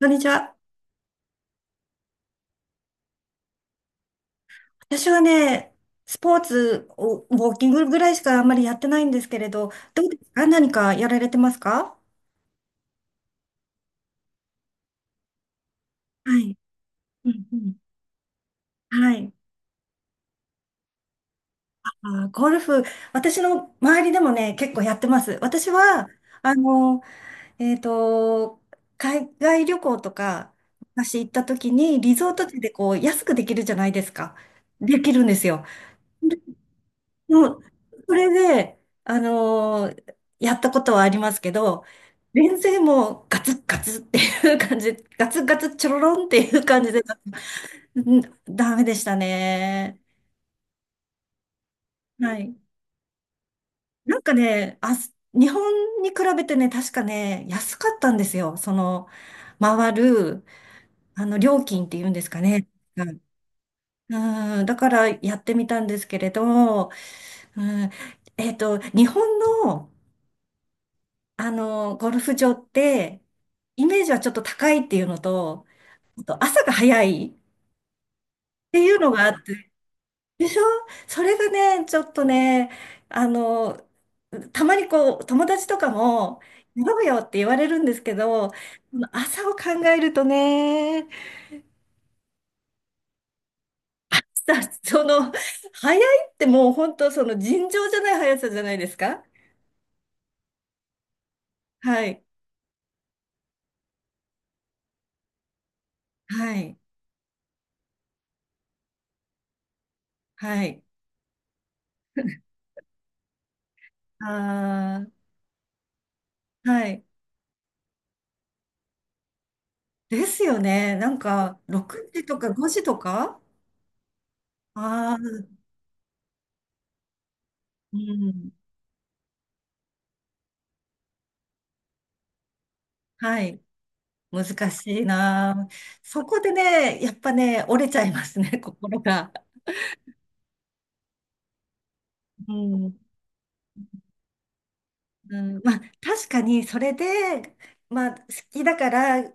こんにちは。私はね、スポーツを、ウォーキングぐらいしかあんまりやってないんですけれど、どうですか？何かやられてますか？はい。うんうん。はい。ゴルフ、私の周りでもね、結構やってます。私は、あの、えっと、海外旅行とか、昔行った時に、リゾート地でこう、安くできるじゃないですか。できるんですよ。もう、それで、やったことはありますけど、全然もうガツッガツッっていう感じ、ガツッガツッチョロロンっていう感じで、うん、ダメでしたね。はい。なんかね、あ、日本に比べてね、確かね、安かったんですよ。その、回る、料金っていうんですかね。うんうん、だからやってみたんですけれど、うん、日本の、ゴルフ場って、イメージはちょっと高いっていうのと、あと朝が早いっていうのがあって、でしょ？それがね、ちょっとね、あの、たまにこう、友達とかも、飲むよって言われるんですけど、朝を考えるとね、さ、その、早いってもう本当その尋常じゃない速さじゃないですか？はい。はい。はい。あーはい。ですよね。なんか、6時とか5時とか、ああー、うん。はい。難しいな。そこでね、やっぱね、折れちゃいますね、心が。うん。うん、まあ、確かに、それで、まあ、好きだから、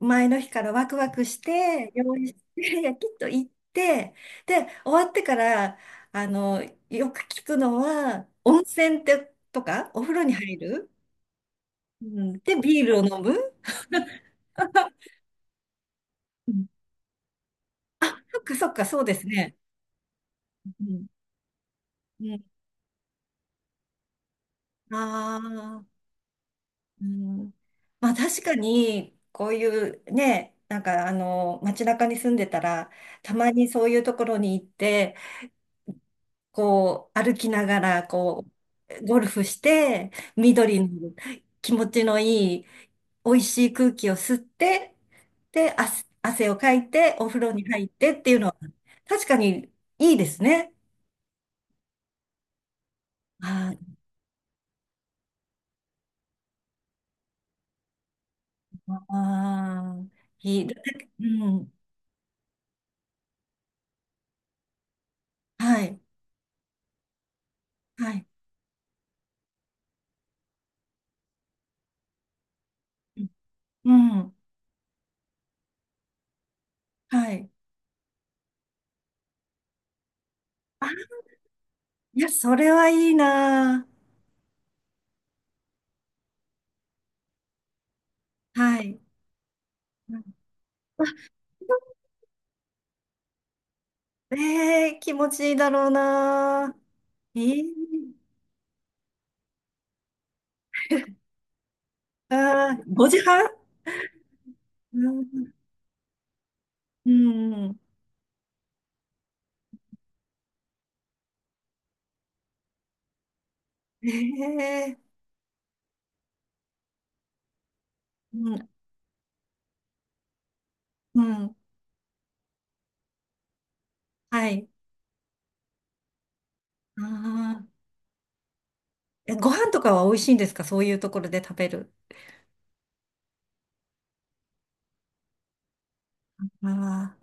前の日からワクワクして、用意して、きっと行って、で、終わってから、あの、よく聞くのは、温泉って、とか、お風呂に入る、うん、で、ビールを飲む。うん、そっかそっか、そうですね。うん。うん。ああ、うん。まあ確かに、こういうね、なんか街中に住んでたら、たまにそういうところに行って、こう、歩きながら、こう、ゴルフして、緑の気持ちのいい、美味しい空気を吸って、で、汗をかいて、お風呂に入ってっていうのは、確かにいいですね。ああああ、いい。だってうん。はい。はい。うん。うんはい。あ、いや、それはいいな。はい。うん、あ気持ちいいだろうな。ええ、5時半、うん。うん。ええうん。うん。はい。ああ。え、ご飯とかは美味しいんですか？そういうところで食べる。あ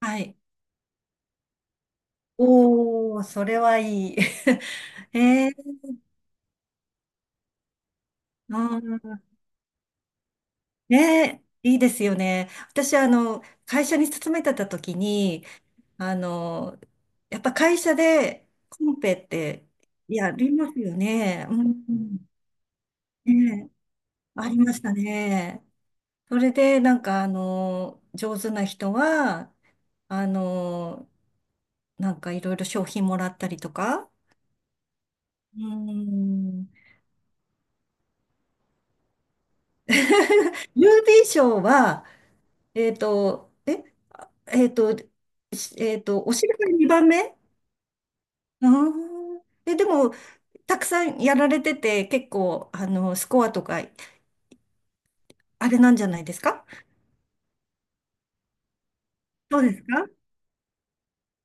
あ。はい。おー、それはいい。えうん、ねえ、いいですよね。私、会社に勤めてた時に、あの、やっぱ会社でコンペってやりますよね。うん。ねえ、ありましたね。それで、なんか、上手な人は、あの、なんかいろいろ商品もらったりとか。うん。郵便賞は、えっと、え、えっと、しえっと、お尻が2番目。あーえ、でも、たくさんやられてて、結構、スコアとか、あれなんじゃないですか？そうですか？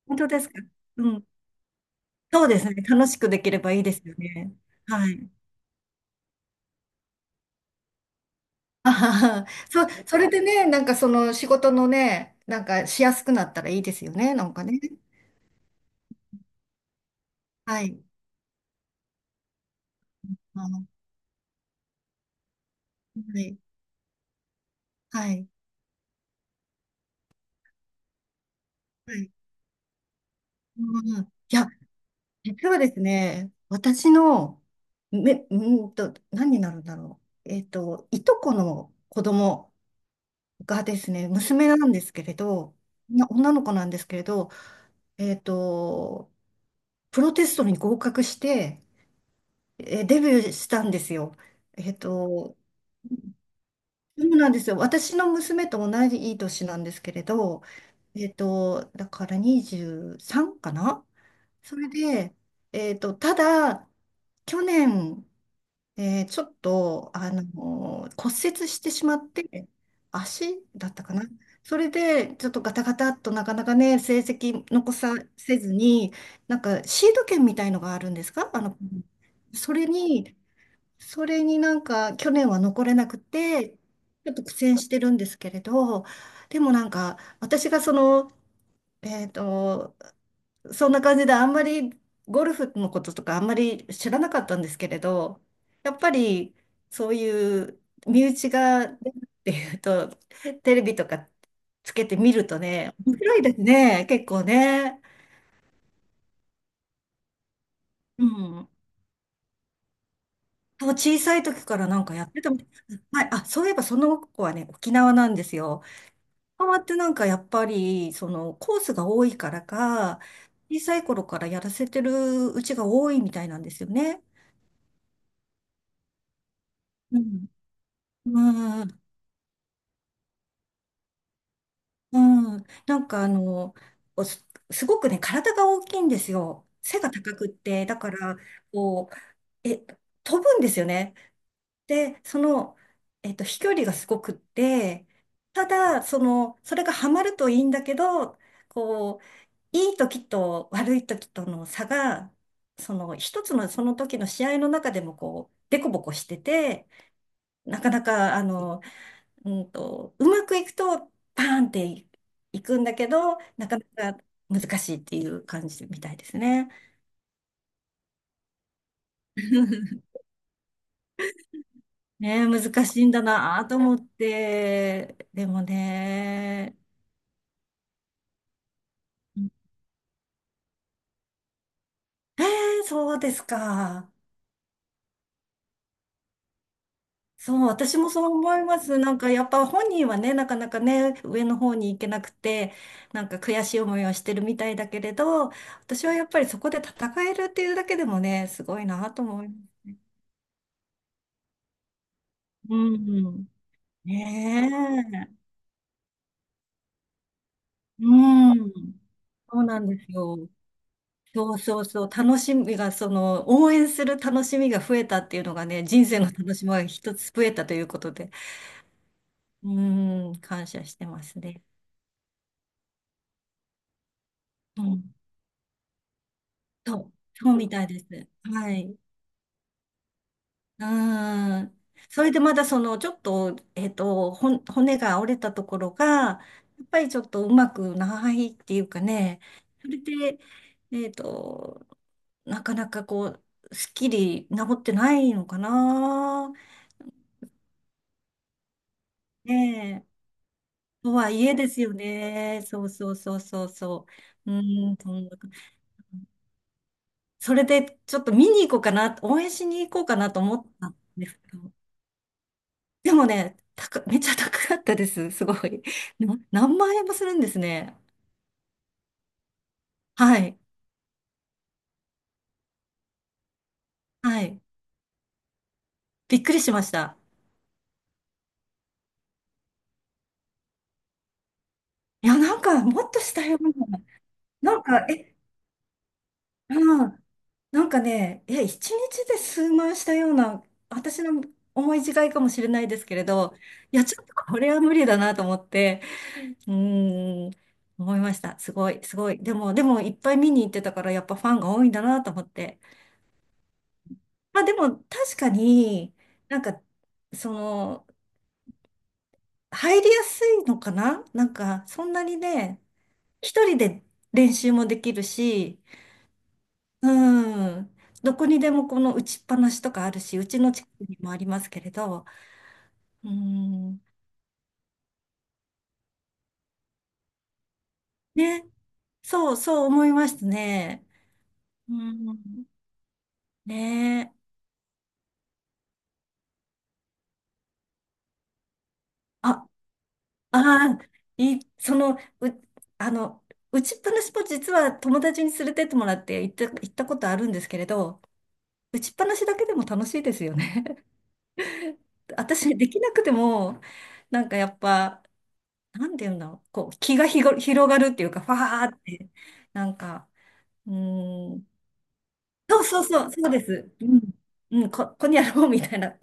本当ですか？うん。そうですね。楽しくできればいいですよね。はい。あはは。それでね、なんかその仕事のね、なんかしやすくなったらいいですよね。なんかね。はい。あのはい。はい。はい。うん。いや、実はですね、私の、め、うーんと、何になるんだろう。いとこの子供がですね、娘なんですけれど、女の子なんですけれど、えっと、プロテストに合格して、デビューしたんですよ。えっと、そうなんですよ。私の娘と同じいい年なんですけれど、だから23かな。それで、ただ、去年、で、ちょっと、骨折してしまって、足だったかな。それで、ちょっとガタガタっとなかなかね、成績残させずに、なんかシード権みたいのがあるんですか？それに、なんか去年は残れなくて、ちょっと苦戦してるんですけれど、でもなんか、私がその、えっと、そんな感じであんまりゴルフのこととかあんまり知らなかったんですけれど、やっぱりそういう身内が出るっていうと、テレビとかつけてみるとね、面白いですね、結構ね。うん。そう、小さい時からなんかやってたみたい。はい、あ、そういえばその子はね、沖縄なんですよ。沖縄ってなんかやっぱり、そのコースが多いからか、小さい頃からやらせてるうちが多いみたいなんですよね。うん。うんうん、なんかおす、すごくね、体が大きいんですよ。背が高くって、だから、こう、飛ぶんですよね。で、その、飛距離がすごくって、ただ、その、それがハマるといいんだけど、こう、いい時と悪い時との差が、その、一つのその時の試合の中でも、こう、デコボコしてて、なかなか、うまくいくと、パーンっていいくんだけど、なかなか難しいっていう感じみたいですね。ねえ、難しいんだなと思って、でもね、そうですか。そう、私もそう思います。なんかやっぱ本人はね、なかなかね、上の方に行けなくて、なんか悔しい思いをしてるみたいだけれど、私はやっぱりそこで戦えるっていうだけでもね、すごいなと思います。うん。ねえ。うん。そうなんですよ。そうそうそう。楽しみが、その、応援する楽しみが増えたっていうのがね、人生の楽しみが一つ増えたということで、うん、感謝してますね。うん。そう、そうみたいです。はい。うん。それでまだその、ちょっと、骨が折れたところが、やっぱりちょっとうまくないっていうかね、それで、えっと、なかなかこう、すっきり治ってないのかな。ねえ。とはいえですよね。そうそうそうそうそう。うーん、そんな感じ。それでちょっと見に行こうかな、応援しに行こうかなと思ったんですけど。でもね、めっちゃ高かったです。すごい。何万円もするんですね。はい。はい。びっくりしました。いや、なんか、もっとしたような。なんか、うん、なんかね、いや、一日で数万したような、私の思い違いかもしれないですけれど、いや、ちょっとこれは無理だなと思って、うーん、思いました。すごい、すごい。でも、いっぱい見に行ってたから、やっぱファンが多いんだなと思って。まあ、でも、確かに、なんか、その、入りやすいのかな？なんか、そんなにね、一人で練習もできるし、うん。どこにでもこの打ちっぱなしとかあるし、うちの近くにもありますけれど、うん。ね。そう、そう思いましたね。うん。ねえ。あ、あー、い、その、う、あの、打ちっぱなしも実は友達に連れてってもらって行ったことあるんですけれど、打ちっぱなしだけでも楽しいですよね。私、できなくても、なんかやっぱ、なんていうんだろう、こう、気がひご広がるっていうか、ファーって、なんか、うーん。そうそうそう、そうです。うん。うん、ここにあろうみたいな。